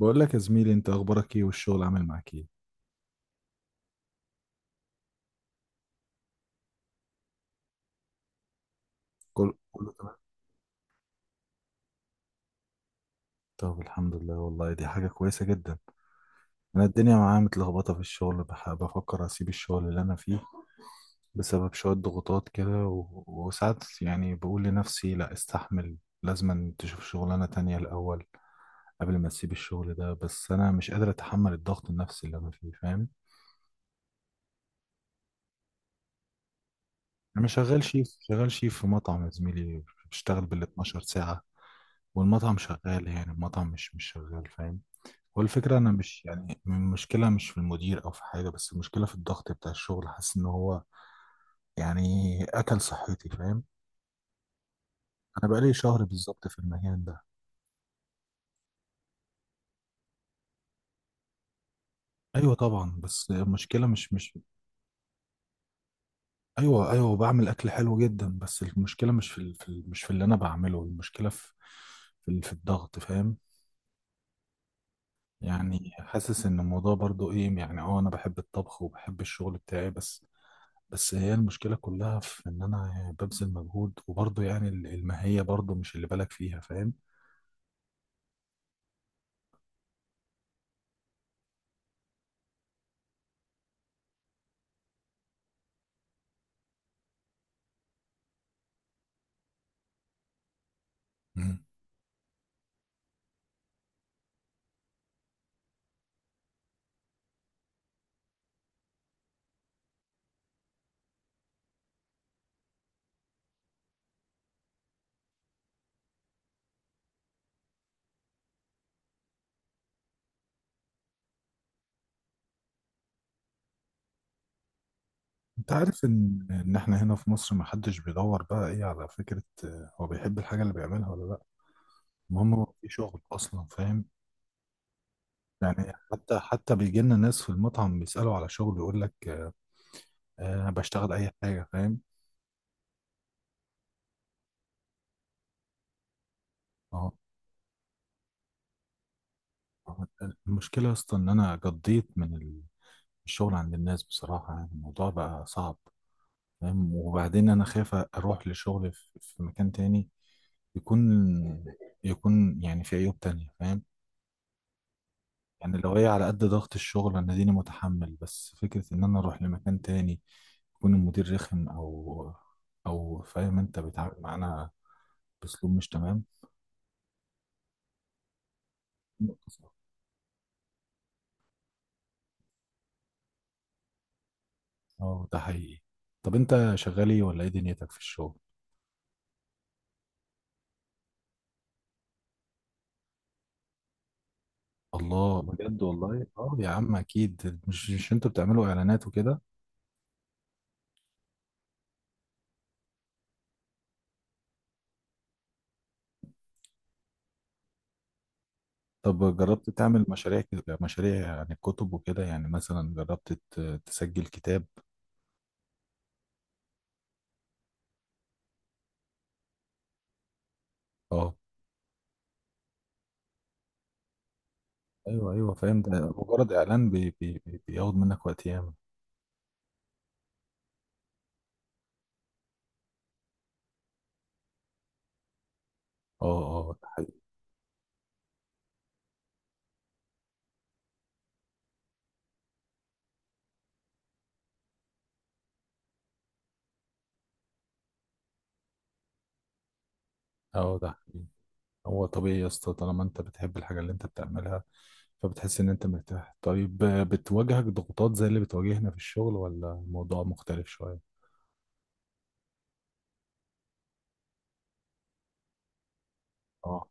بقول لك يا زميلي، انت اخبارك ايه والشغل عامل معاك ايه؟ كل كله تمام؟ طب الحمد لله، والله دي حاجة كويسة جدا. انا الدنيا معايا متلخبطة في الشغل، بفكر اسيب الشغل اللي انا فيه بسبب شوية ضغوطات كده و... وساعات يعني بقول لنفسي لا استحمل. لازم تشوف شغلانة تانية الاول قبل ما تسيب الشغل ده، بس انا مش قادر اتحمل الضغط النفسي اللي انا فيه، فاهم؟ انا شغال شيف، شغال شيف في مطعم يا زميلي. بشتغل بال 12 ساعة، والمطعم شغال، يعني المطعم مش شغال فاهم. والفكرة أنا مش يعني المشكلة مش في المدير أو في حاجة، بس المشكلة في الضغط بتاع الشغل. حاسس إن هو يعني أكل صحتي، فاهم؟ أنا بقالي شهر بالظبط في المكان ده. أيوة طبعا، بس المشكلة مش. أيوة أيوة، بعمل أكل حلو جدا، بس المشكلة مش في، مش في اللي أنا بعمله، المشكلة في في، في الضغط فاهم. يعني حاسس إن الموضوع برضو إيه يعني، أه أنا بحب الطبخ وبحب الشغل بتاعي بس. بس هي المشكلة كلها في إن أنا يعني ببذل مجهود وبرضه يعني الماهية برضه مش اللي بالك فيها، فاهم؟ مم. أنت عارف إن إحنا هنا في مصر محدش بيدور بقى إيه على فكرة، آه، هو بيحب الحاجة اللي بيعملها ولا لأ، المهم هو في شغل أصلا، فاهم؟ يعني حتى بيجي لنا ناس في المطعم بيسألوا على شغل يقول لك، آه آه، بشتغل أي حاجة فاهم؟ أه آه، المشكلة أصلا إن أنا قضيت من الشغل عند الناس بصراحة، يعني الموضوع بقى صعب فاهم. وبعدين انا خايف اروح لشغل في في مكان تاني يكون، يكون يعني في عيوب تانية فاهم. يعني لو هي على قد ضغط الشغل انا ديني متحمل، بس فكرة ان انا اروح لمكان تاني يكون المدير رخم او او فاهم، انت بيتعامل معانا باسلوب مش تمام. اه ده حقيقي. طب انت شغال ايه ولا ايه دنيتك في الشغل؟ الله بجد، والله اه يا عم، اكيد مش انتوا بتعملوا اعلانات وكده؟ طب جربت تعمل مشاريع كده، مشاريع عن الكتب وكده، يعني مثلا جربت تسجل كتاب؟ اه. ايوه ايوه فاهم، ده مجرد اعلان بياخد منك وقت ياما. اه. اه ده حقيقي. اه ده حقيقي. هو طبيعي يا اسطى، طالما انت بتحب الحاجه اللي انت بتعملها فبتحس ان انت مرتاح. طيب آه، بتواجهك ضغوطات زي اللي بتواجهنا في الشغل ولا الموضوع مختلف شويه؟ اه.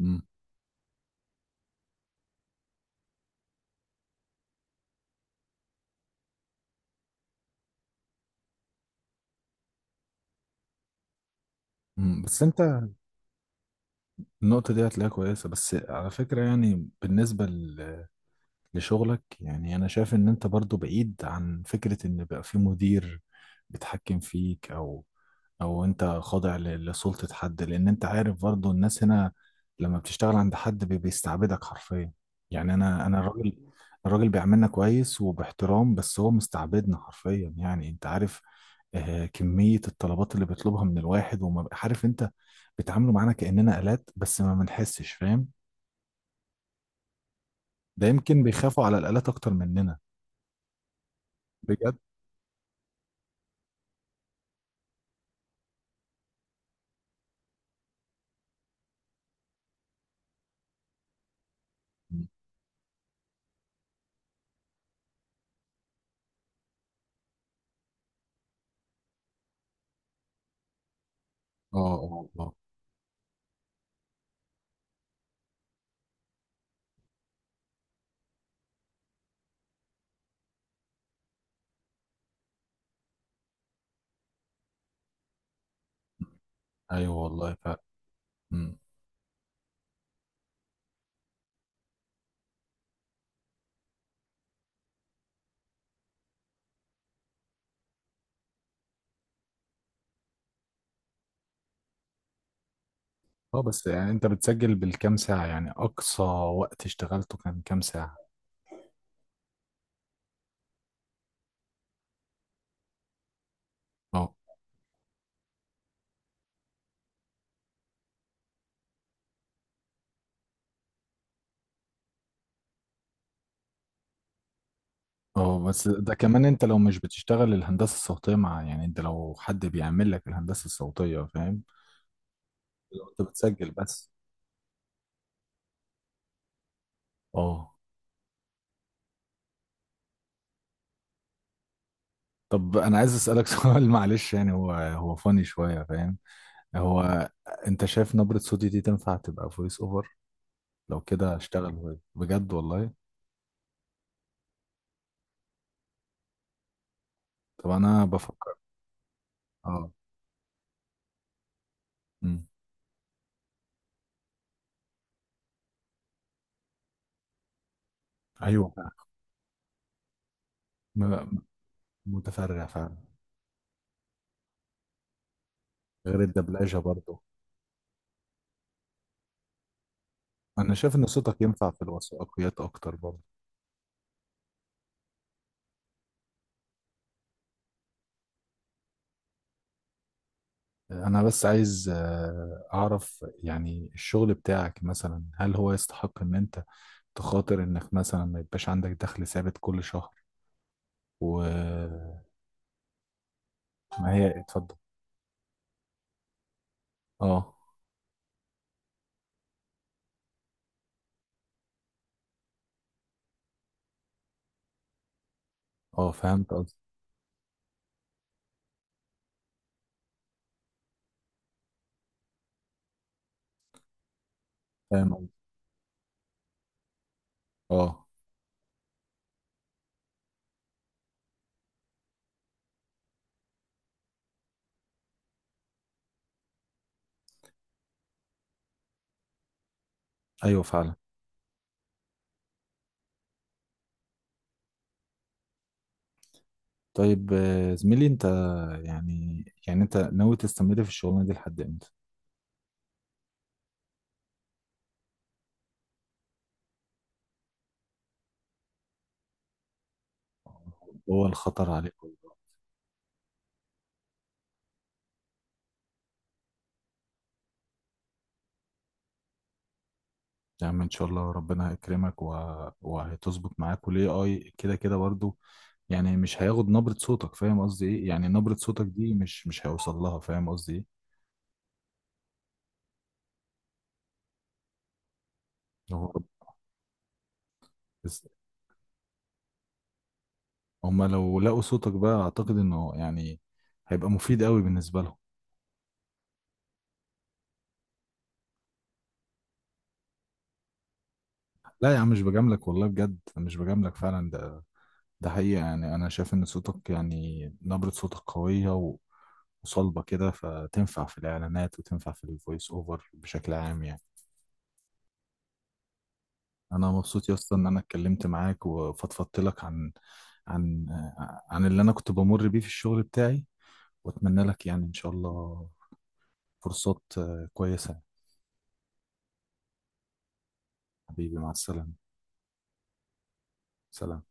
امم أمم. بس انت النقطه دي هتلاقيها كويسه، بس على فكره يعني بالنسبه ل لشغلك، يعني انا شايف ان انت برضو بعيد عن فكرة ان بقى في مدير بيتحكم فيك او او انت خاضع لسلطة حد. لان انت عارف برضو الناس هنا لما بتشتغل عند حد بيستعبدك حرفيا. يعني انا الراجل، الراجل بيعاملنا كويس وباحترام بس هو مستعبدنا حرفيا، يعني انت عارف آه، كمية الطلبات اللي بيطلبها من الواحد. عارف انت، بيتعاملوا معانا كأننا آلات بس ما بنحسش فاهم. ده يمكن بيخافوا على الآلات اكتر مننا. بجد. اه اه اه. ايوه والله ف. مم. اه بس يعني انت بتسجل بالكام ساعة يعني؟ اقصى وقت اشتغلته كان كام ساعة؟ اه. اه بس ده كمان انت لو مش بتشتغل الهندسة الصوتية مع، يعني انت لو حد بيعمل لك الهندسة الصوتية فاهم. لو انت بتسجل بس. اه. طب انا عايز اسألك سؤال، معلش يعني، هو فاني شوية فاهم. هو انت شايف نبرة صوتي دي تنفع تبقى فويس اوفر؟ لو كده اشتغل voice. بجد والله. طب انا بفكر. اه. مم. ايوه. متفرع فعلا. غير الدبلجة برضو. أنا شايف إن صوتك ينفع في الوثائقيات أكتر برضو. أنا بس عايز آه، أعرف يعني الشغل بتاعك مثلا هل هو يستحق إن أنت تخاطر إنك مثلا ما يبقاش عندك دخل ثابت كل شهر؟ وما هي اتفضل. أه. أه فهمت قصدي. فاهم قصدي. أه. أيوه فعلا. طيب آه، زميلي أنت، يعني أنت ناوي تستمر في الشغلانة دي لحد إمتى؟ هو الخطر عليك. يا عم ان شاء الله ربنا هيكرمك و... وهتظبط معاك والاي اي كده كده برضو. يعني مش هياخد نبرة صوتك، فاهم قصدي ايه؟ يعني نبرة صوتك دي مش هيوصل لها، فاهم قصدي ايه؟ هو رب- بس هما لو لقوا صوتك بقى اعتقد انه يعني هيبقى مفيد قوي بالنسبة لهم. لا يا عم مش بجاملك والله، بجد مش بجاملك فعلا، ده ده حقيقة. يعني انا شايف ان صوتك يعني نبرة صوتك قوية و... وصلبة كده، فتنفع في الاعلانات وتنفع في الفويس اوفر بشكل عام يعني. انا مبسوط يا اسطى ان انا اتكلمت معاك وفضفضت لك عن، عن، عن اللي انا كنت بمر بيه في الشغل بتاعي. واتمنى لك يعني ان شاء الله فرصات آه، كويسة. حبيبي مع السلامة. سلام.